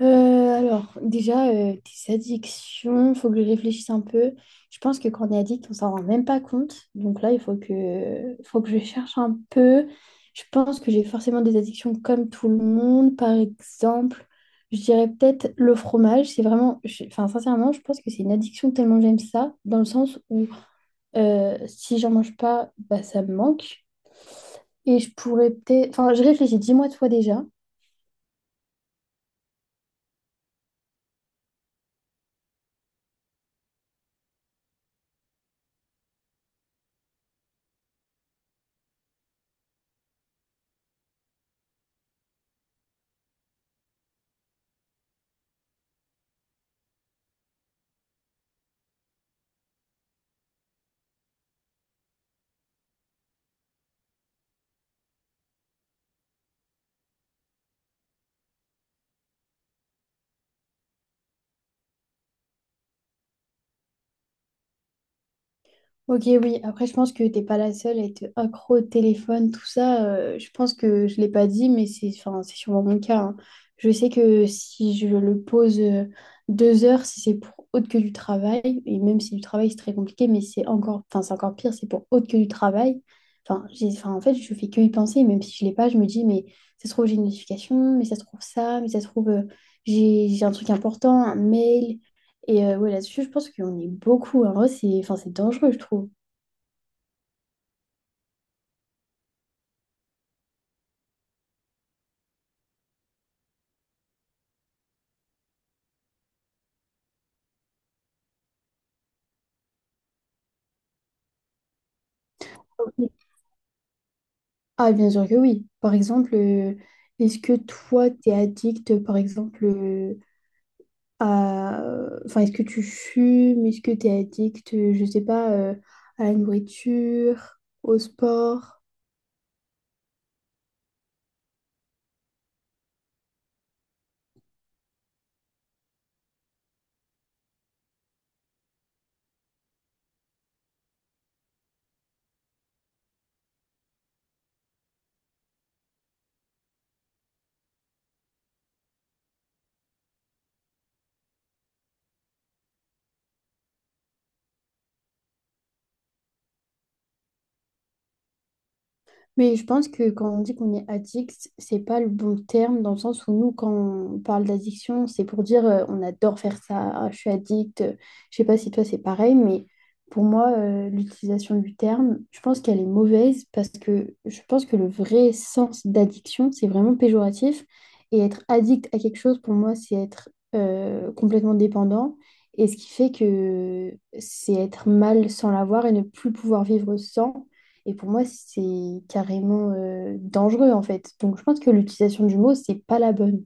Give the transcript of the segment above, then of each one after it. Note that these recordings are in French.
Euh, alors, déjà, tes addictions, faut que je réfléchisse un peu. Je pense que quand on est addict, on s'en rend même pas compte. Donc là, il faut que je cherche un peu. Je pense que j'ai forcément des addictions comme tout le monde. Par exemple, je dirais peut-être le fromage. C'est vraiment, enfin, sincèrement, je pense que c'est une addiction tellement j'aime ça, dans le sens où si j'en mange pas, bah, ça me manque. Et je pourrais peut-être, enfin, je réfléchis, dis-moi toi déjà. Ok, oui. Après, je pense que t'es pas la seule à être accro au téléphone, tout ça. Je pense que je l'ai pas dit, mais c'est enfin, c'est sûrement mon cas, hein. Je sais que si je le pose deux heures, si c'est pour autre que du travail, et même si du travail c'est très compliqué, mais c'est encore, enfin, c'est encore pire, c'est pour autre que du travail. Enfin, j'ai, enfin, en fait, je fais que y penser, même si je l'ai pas, je me dis, mais ça se trouve, j'ai une notification, mais ça se trouve ça, mais ça se trouve, j'ai un truc important, un mail. Et ouais, là-dessus, je pense qu'on est beaucoup, hein. En vrai, c'est enfin, c'est dangereux, je trouve. Oui. Ah, bien sûr que oui. Par exemple, est-ce que toi, t'es addict, par exemple, à... Enfin, est-ce que tu fumes? Est-ce que t'es addict, je sais pas, à la nourriture, au sport? Mais je pense que quand on dit qu'on est addict, c'est pas le bon terme dans le sens où nous, quand on parle d'addiction, c'est pour dire on adore faire ça, ah, je suis addict. Je sais pas si toi c'est pareil, mais pour moi, l'utilisation du terme, je pense qu'elle est mauvaise parce que je pense que le vrai sens d'addiction, c'est vraiment péjoratif. Et être addict à quelque chose, pour moi, c'est être complètement dépendant. Et ce qui fait que c'est être mal sans l'avoir et ne plus pouvoir vivre sans. Et pour moi, c'est carrément dangereux en fait. Donc je pense que l'utilisation du mot, c'est pas la bonne.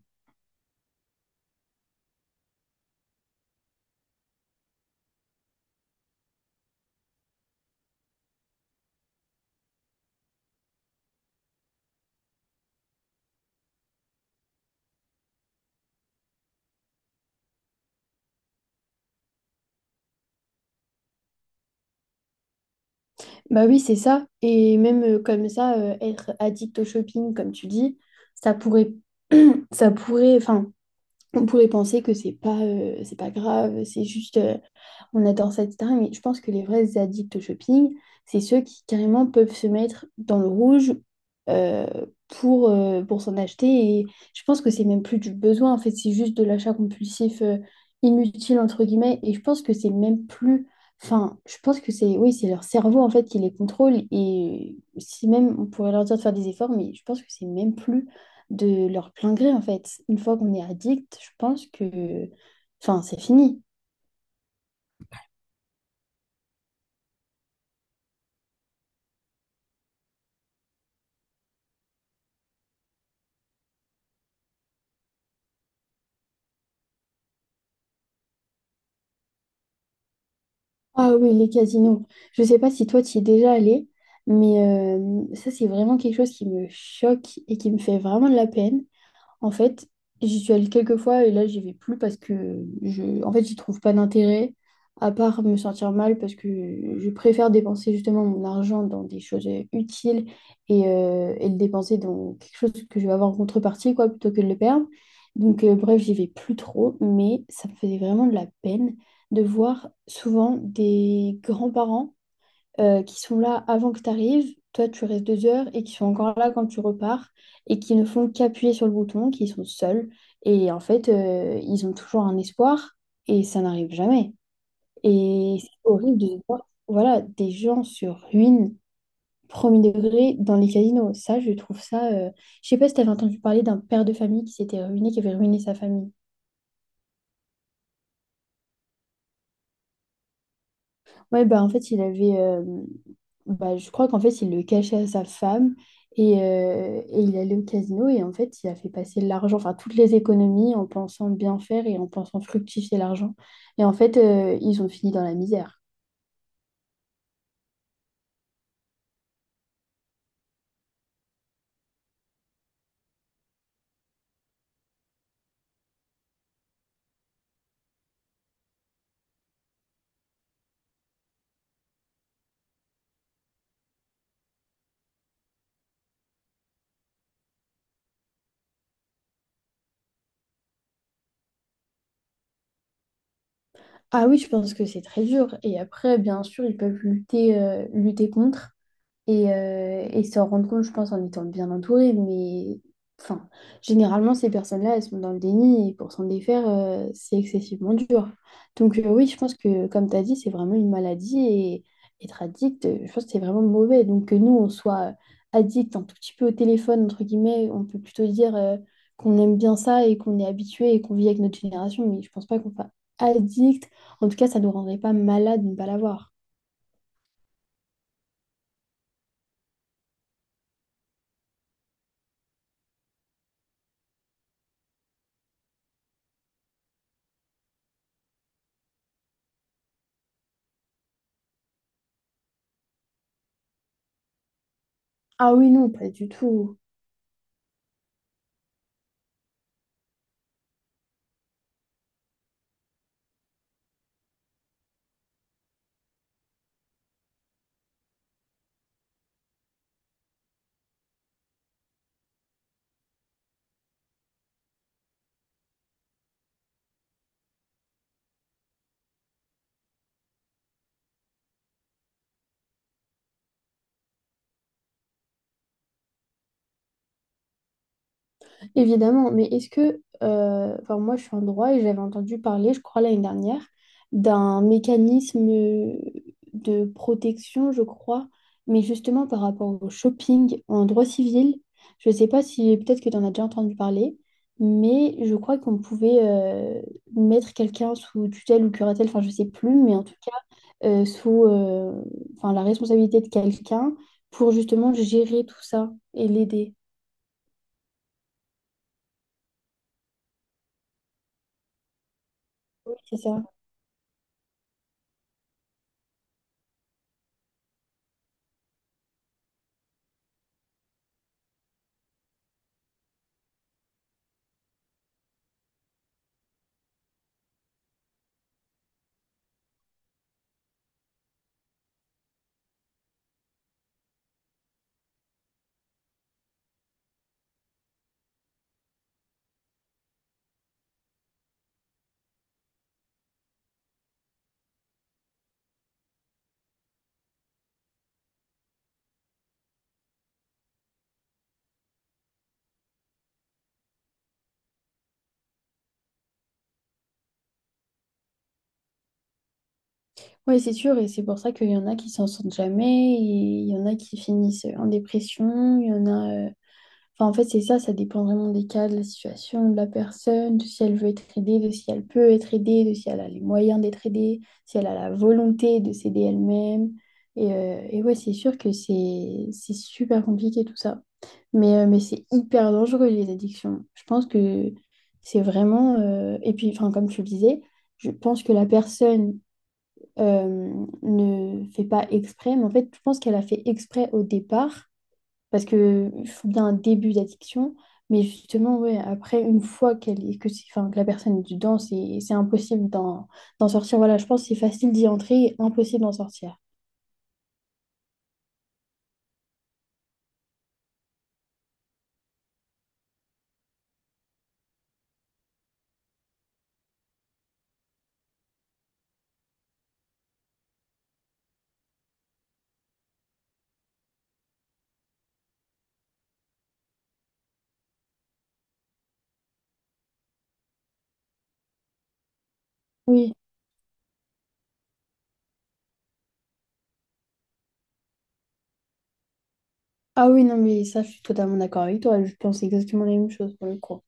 Bah oui, c'est ça. Et même comme ça, être addict au shopping, comme tu dis, ça pourrait, ça pourrait, enfin, on pourrait penser que c'est pas grave, c'est juste on adore ça, etc. Mais je pense que les vrais addicts au shopping, c'est ceux qui carrément peuvent se mettre dans le rouge euh, pour s'en acheter. Et je pense que c'est même plus du besoin, en fait, c'est juste de l'achat compulsif inutile, entre guillemets. Et je pense que c'est même plus. Enfin, je pense que c'est oui, c'est leur cerveau en fait qui les contrôle et si même on pourrait leur dire de faire des efforts, mais je pense que c'est même plus de leur plein gré, en fait. Une fois qu'on est addict, je pense que... Enfin, c'est fini. Ah oui, les casinos. Je sais pas si toi, tu y es déjà allé, mais ça, c'est vraiment quelque chose qui me choque et qui me fait vraiment de la peine. En fait, j'y suis allée quelques fois et là, j'y vais plus parce que je, en fait, j'y trouve pas d'intérêt, à part me sentir mal parce que je préfère dépenser justement mon argent dans des choses utiles et le dépenser dans quelque chose que je vais avoir en contrepartie, quoi, plutôt que de le perdre. Donc, bref, j'y vais plus trop, mais ça me faisait vraiment de la peine de voir souvent des grands-parents qui sont là avant que tu arrives, toi tu restes deux heures et qui sont encore là quand tu repars et qui ne font qu'appuyer sur le bouton, qui sont seuls et en fait ils ont toujours un espoir et ça n'arrive jamais. Et c'est horrible de voir voilà, des gens se ruinent premier degré dans les casinos. Ça, je trouve ça. Je sais pas si tu avais entendu parler d'un père de famille qui s'était ruiné, qui avait ruiné sa famille. Ouais, bah en fait, il avait. Bah, je crois qu'en fait, il le cachait à sa femme et il allait au casino et en fait, il a fait passer l'argent, enfin, toutes les économies en pensant bien faire et en pensant fructifier l'argent. Et en fait, ils ont fini dans la misère. Ah oui, je pense que c'est très dur. Et après, bien sûr, ils peuvent lutter, lutter contre. Et s'en rendre compte, je pense, en étant bien entouré. Mais enfin, généralement, ces personnes-là, elles sont dans le déni et pour s'en défaire, c'est excessivement dur. Donc, oui, je pense que, comme tu as dit, c'est vraiment une maladie et être addict, je pense que c'est vraiment mauvais. Donc, que nous, on soit addict un tout petit peu au téléphone, entre guillemets, on peut plutôt dire qu'on aime bien ça et qu'on est habitué et qu'on vit avec notre génération. Mais je pense pas qu'on soit addict. En tout cas, ça nous rendrait pas malade de ne pas l'avoir. Ah oui, non, pas du tout. Évidemment, mais est-ce que, enfin moi je suis en droit et j'avais entendu parler, je crois l'année dernière, d'un mécanisme de protection, je crois, mais justement par rapport au shopping en droit civil, je ne sais pas si peut-être que tu en as déjà entendu parler, mais je crois qu'on pouvait mettre quelqu'un sous tutelle ou curatelle, enfin je sais plus, mais en tout cas sous enfin, la responsabilité de quelqu'un pour justement gérer tout ça et l'aider. C'est ça. Oui, c'est sûr, et c'est pour ça qu'il y en a qui s'en sortent jamais, et il y en a qui finissent en dépression, il y en a... Enfin, en fait, c'est ça, ça dépend vraiment des cas, de la situation, de la personne, de si elle veut être aidée, de si elle peut être aidée, de si elle a les moyens d'être aidée, si elle a la volonté de s'aider elle-même. Et ouais, c'est sûr que c'est super compliqué tout ça. Mais c'est hyper dangereux, les addictions. Je pense que c'est vraiment... Et puis, enfin, comme tu le disais, je pense que la personne ne fait pas exprès, mais en fait, je pense qu'elle a fait exprès au départ, parce que il faut bien un début d'addiction, mais justement, ouais, après, une fois qu'elle est, que, enfin, que la personne est dedans, c'est impossible d'en sortir. Voilà, je pense que c'est facile d'y entrer et impossible d'en sortir. Oui. Ah oui, non, mais ça, je suis totalement d'accord avec toi. Je pense exactement la même chose pour le coup.